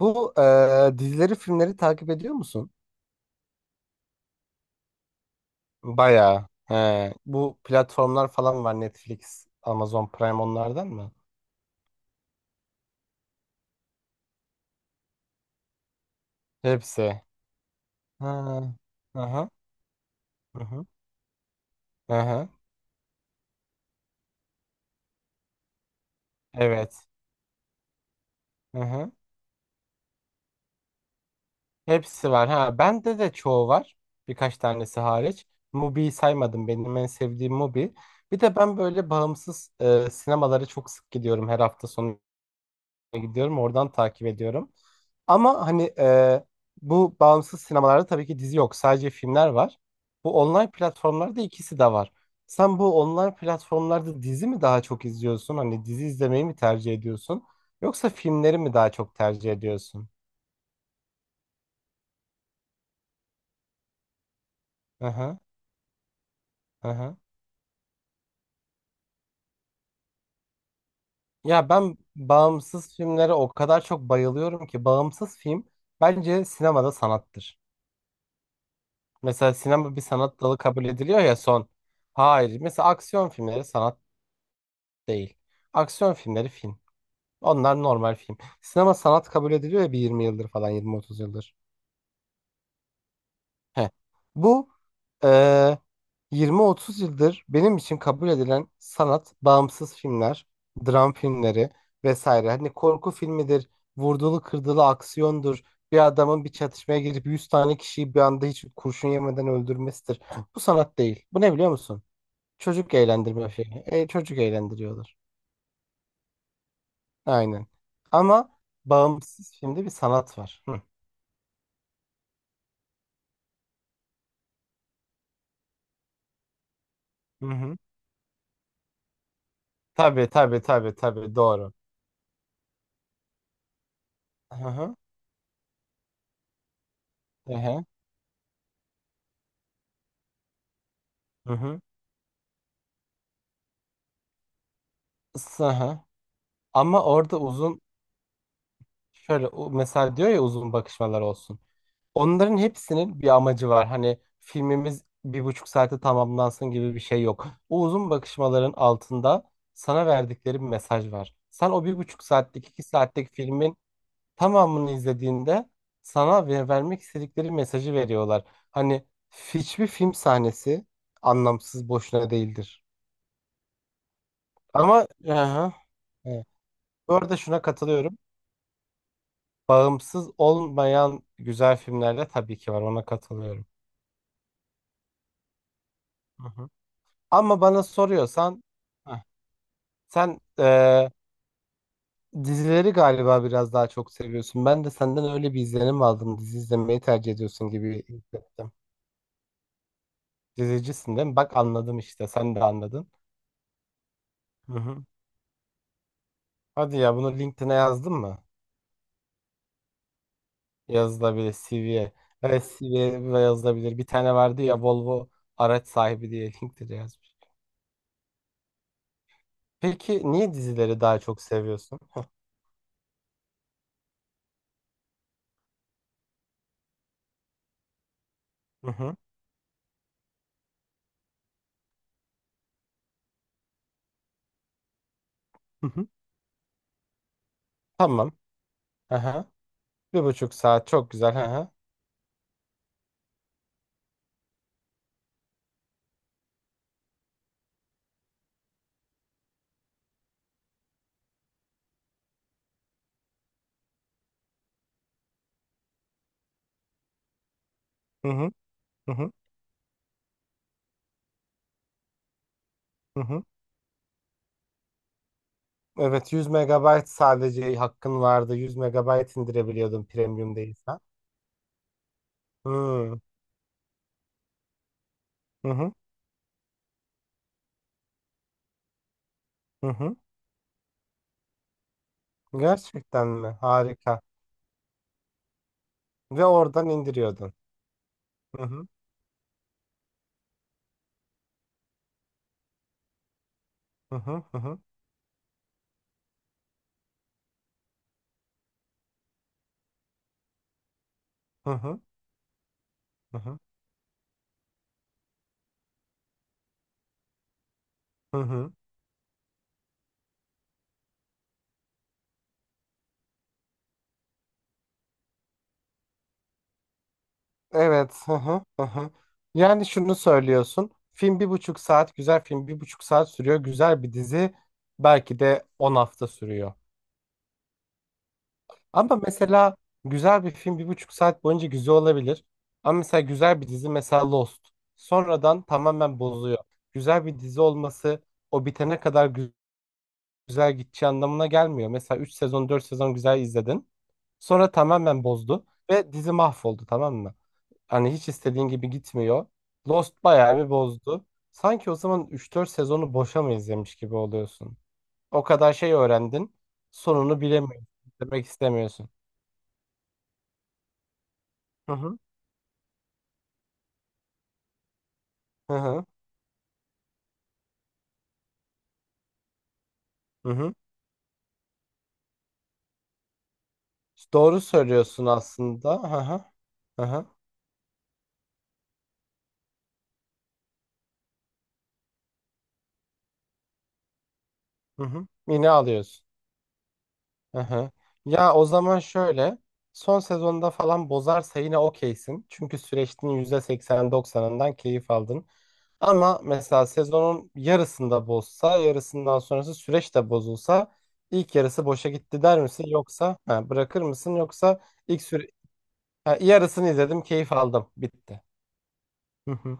Bu dizileri, filmleri takip ediyor musun? Bayağı. He. Bu platformlar falan var. Netflix, Amazon Prime onlardan mı? Hepsi. Ha. Aha. Aha. Aha. Evet. Aha. Hepsi var. Ha, bende de çoğu var. Birkaç tanesi hariç. Mubi'yi saymadım. Benim en sevdiğim Mubi. Bir de ben böyle bağımsız sinemalara çok sık gidiyorum. Her hafta sonu gidiyorum. Oradan takip ediyorum. Ama hani bu bağımsız sinemalarda tabii ki dizi yok. Sadece filmler var. Bu online platformlarda ikisi de var. Sen bu online platformlarda dizi mi daha çok izliyorsun? Hani dizi izlemeyi mi tercih ediyorsun? Yoksa filmleri mi daha çok tercih ediyorsun? Hı hı, hı hı. Ya ben bağımsız filmlere o kadar çok bayılıyorum ki bağımsız film bence sinemada sanattır. Mesela sinema bir sanat dalı kabul ediliyor ya son. Hayır. Mesela aksiyon filmleri sanat değil. Aksiyon filmleri film. Onlar normal film. Sinema sanat kabul ediliyor ya bir 20 yıldır falan 20-30 yıldır. Heh. Bu eee, 20-30 yıldır benim için kabul edilen sanat, bağımsız filmler, dram filmleri vesaire. Hani korku filmidir, vurdulu kırdılı aksiyondur. Bir adamın bir çatışmaya girip 100 tane kişiyi bir anda hiç kurşun yemeden öldürmesidir. Bu sanat değil. Bu ne biliyor musun? Çocuk eğlendirme filmi. E, çocuk eğlendiriyorlar. Aynen. Ama bağımsız filmde bir sanat var. Hı. Hı hı. Tabii tabii tabii tabii doğru. Hı hı. Hı hı. Hı hı. Isı, hı. Ama orada uzun şöyle mesela diyor ya uzun bakışmalar olsun. Onların hepsinin bir amacı var. Hani filmimiz 1,5 saate tamamlansın gibi bir şey yok. O uzun bakışmaların altında sana verdikleri bir mesaj var. Sen o bir buçuk saatlik 2 saatlik filmin tamamını izlediğinde sana vermek istedikleri mesajı veriyorlar. Hani hiçbir film sahnesi anlamsız boşuna değildir. Ama aha, evet. Bu arada şuna katılıyorum. Bağımsız olmayan güzel filmler de tabii ki var. Ona katılıyorum. Hı hı. Ama bana soruyorsan heh, sen dizileri galiba biraz daha çok seviyorsun. Ben de senden öyle bir izlenim aldım. Dizi izlemeyi tercih ediyorsun gibi hissettim. Dizicisin değil mi? Bak anladım işte. Sen de anladın. Hı hı. Hadi ya bunu LinkedIn'e yazdın mı? Yazılabilir CV'ye. Evet CV'ye yazılabilir. Bir tane vardı ya Volvo araç sahibi diye LinkedIn'e yazmış. Peki niye dizileri daha çok seviyorsun? Hı hı. Tamam. Hı hı. Tamam. Aha. Bir buçuk saat çok güzel. Aha. Hı hı. Hı hı. Hı hı. Evet 100 megabayt sadece hakkın vardı. 100 megabayt indirebiliyordun premium değilsen. Hı. Hı hı. Hı hı. Gerçekten mi? Harika. Ve oradan indiriyordun. Hı hı. Hı hı. Hı hı. Hı hı. Hı hı. Hı hı. Evet. Hı hı, hı hı. Yani şunu söylüyorsun. Film bir buçuk saat güzel film bir buçuk saat sürüyor. Güzel bir dizi belki de 10 hafta sürüyor. Ama mesela güzel bir film bir buçuk saat boyunca güzel olabilir. Ama mesela güzel bir dizi mesela Lost. Sonradan tamamen bozuyor. Güzel bir dizi olması o bitene kadar güzel gideceği anlamına gelmiyor. Mesela 3 sezon 4 sezon güzel izledin. Sonra tamamen bozdu ve dizi mahvoldu tamam mı? Hani hiç istediğin gibi gitmiyor. Lost bayağı bir bozdu. Sanki o zaman üç dört sezonu boşa mı izlemiş gibi oluyorsun? O kadar şey öğrendin. Sonunu bilemiyorsun. Demek istemiyorsun. Hı hı. Hı hı. Hı hı. Doğru söylüyorsun aslında. Hı hı. Hı hı. Hı hı. Yine alıyorsun. Hı hı. Ya o zaman şöyle. Son sezonda falan bozarsa yine okeysin. Çünkü süreçtin yüzde seksen doksanından keyif aldın. Ama mesela sezonun yarısında bozsa, yarısından sonrası süreç de bozulsa ilk yarısı boşa gitti der misin? Yoksa ha, bırakır mısın? Yoksa ilk süre ha, yarısını izledim, keyif aldım, bitti. Hı hı.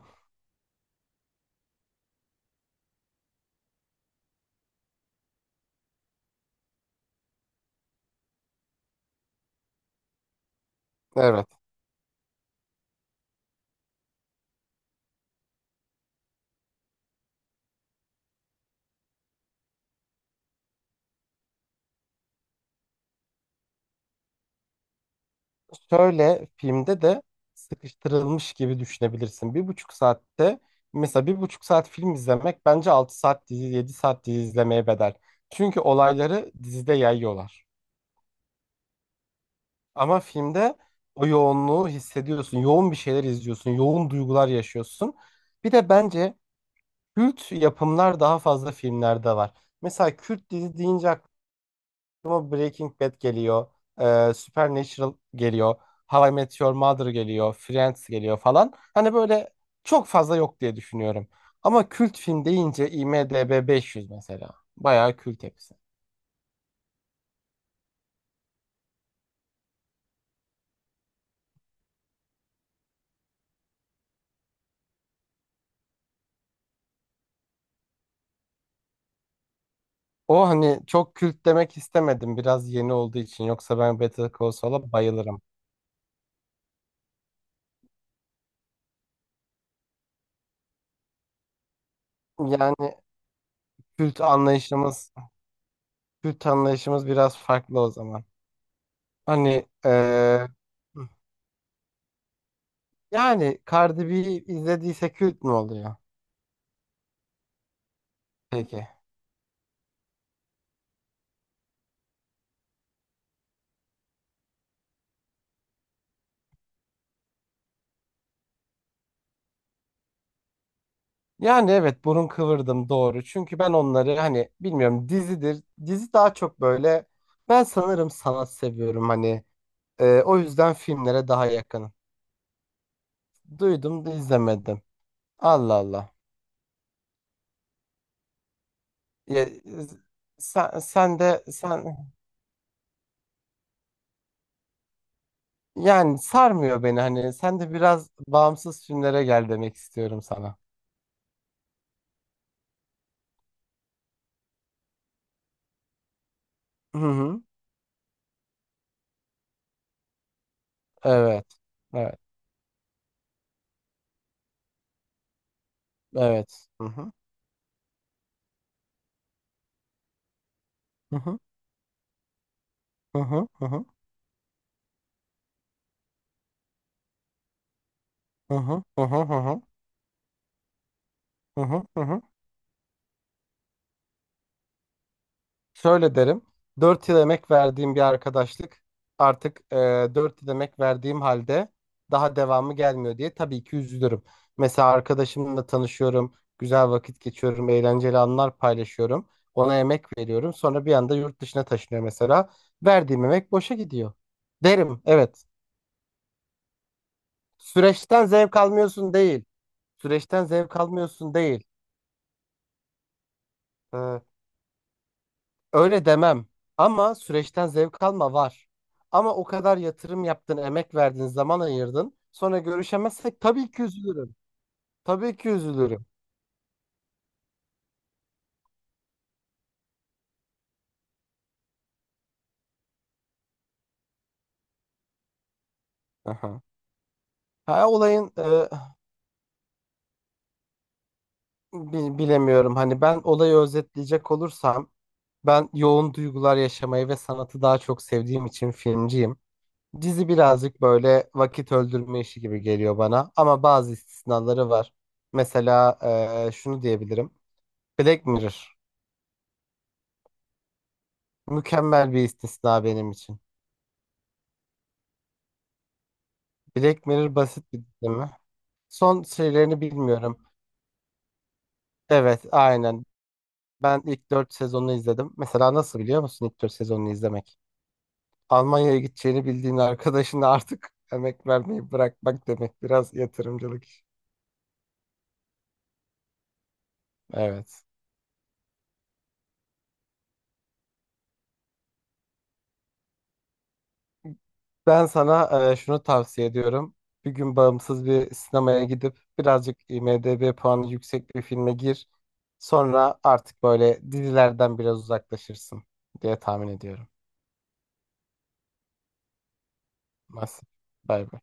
Evet. Şöyle filmde de sıkıştırılmış gibi düşünebilirsin. Bir buçuk saatte mesela bir buçuk saat film izlemek bence 6 saat dizi, 7 saat dizi izlemeye bedel. Çünkü olayları dizide yayıyorlar. Ama filmde o yoğunluğu hissediyorsun. Yoğun bir şeyler izliyorsun. Yoğun duygular yaşıyorsun. Bir de bence Kürt yapımlar daha fazla filmlerde var. Mesela Kürt dizi deyince aklıma Breaking Bad geliyor. Supernatural geliyor. How I Met Your Mother geliyor. Friends geliyor falan. Hani böyle çok fazla yok diye düşünüyorum. Ama kült film deyince IMDb 500 mesela. Bayağı kült hepsi. O hani çok kült demek istemedim biraz yeni olduğu için. Yoksa ben Better Call Saul'a bayılırım. Yani kült anlayışımız Kült anlayışımız biraz farklı o zaman. Hani yani Cardi B'yi izlediyse kült mü oluyor? Peki. Yani evet burun kıvırdım doğru. Çünkü ben onları hani bilmiyorum dizidir. Dizi daha çok böyle ben sanırım sanat seviyorum hani. O yüzden filmlere daha yakınım. Duydum da izlemedim. Allah Allah. Ya, sen, sen de sen yani sarmıyor beni hani sen de biraz bağımsız filmlere gel demek istiyorum sana. Hı hı. Evet. Evet. Evet. Hı hı. Hı hı. Hı hı. Hı hı. Hı hı. Hı hı. Hı hı. Hı hı. Hı hı. Şöyle derim. 4 yıl emek verdiğim bir arkadaşlık artık 4 yıl emek verdiğim halde daha devamı gelmiyor diye tabii ki üzülürüm. Mesela arkadaşımla tanışıyorum, güzel vakit geçiyorum, eğlenceli anlar paylaşıyorum. Ona emek veriyorum. Sonra bir anda yurt dışına taşınıyor mesela. Verdiğim emek boşa gidiyor. Derim, evet. Süreçten zevk almıyorsun değil. Süreçten zevk almıyorsun değil. Ee, öyle demem. Ama süreçten zevk alma var. Ama o kadar yatırım yaptın, emek verdin, zaman ayırdın. Sonra görüşemezsek tabii ki üzülürüm. Tabii ki üzülürüm. Aha. Ha, olayın bilemiyorum. Hani ben olayı özetleyecek olursam ben yoğun duygular yaşamayı ve sanatı daha çok sevdiğim için filmciyim. Dizi birazcık böyle vakit öldürme işi gibi geliyor bana ama bazı istisnaları var. Mesela şunu diyebilirim. Black Mirror mükemmel bir istisna benim için. Black Mirror basit bir dizi mi? Son şeylerini bilmiyorum. Evet, aynen. Ben ilk 4 sezonunu izledim. Mesela nasıl biliyor musun ilk 4 sezonunu izlemek? Almanya'ya gideceğini bildiğin arkadaşına artık emek vermeyi bırakmak demek. Biraz yatırımcılık işi. Evet. Ben sana şunu tavsiye ediyorum. Bir gün bağımsız bir sinemaya gidip birazcık IMDb puanı yüksek bir filme gir. Sonra artık böyle dizilerden biraz uzaklaşırsın diye tahmin ediyorum. Nasıl? Bay bay.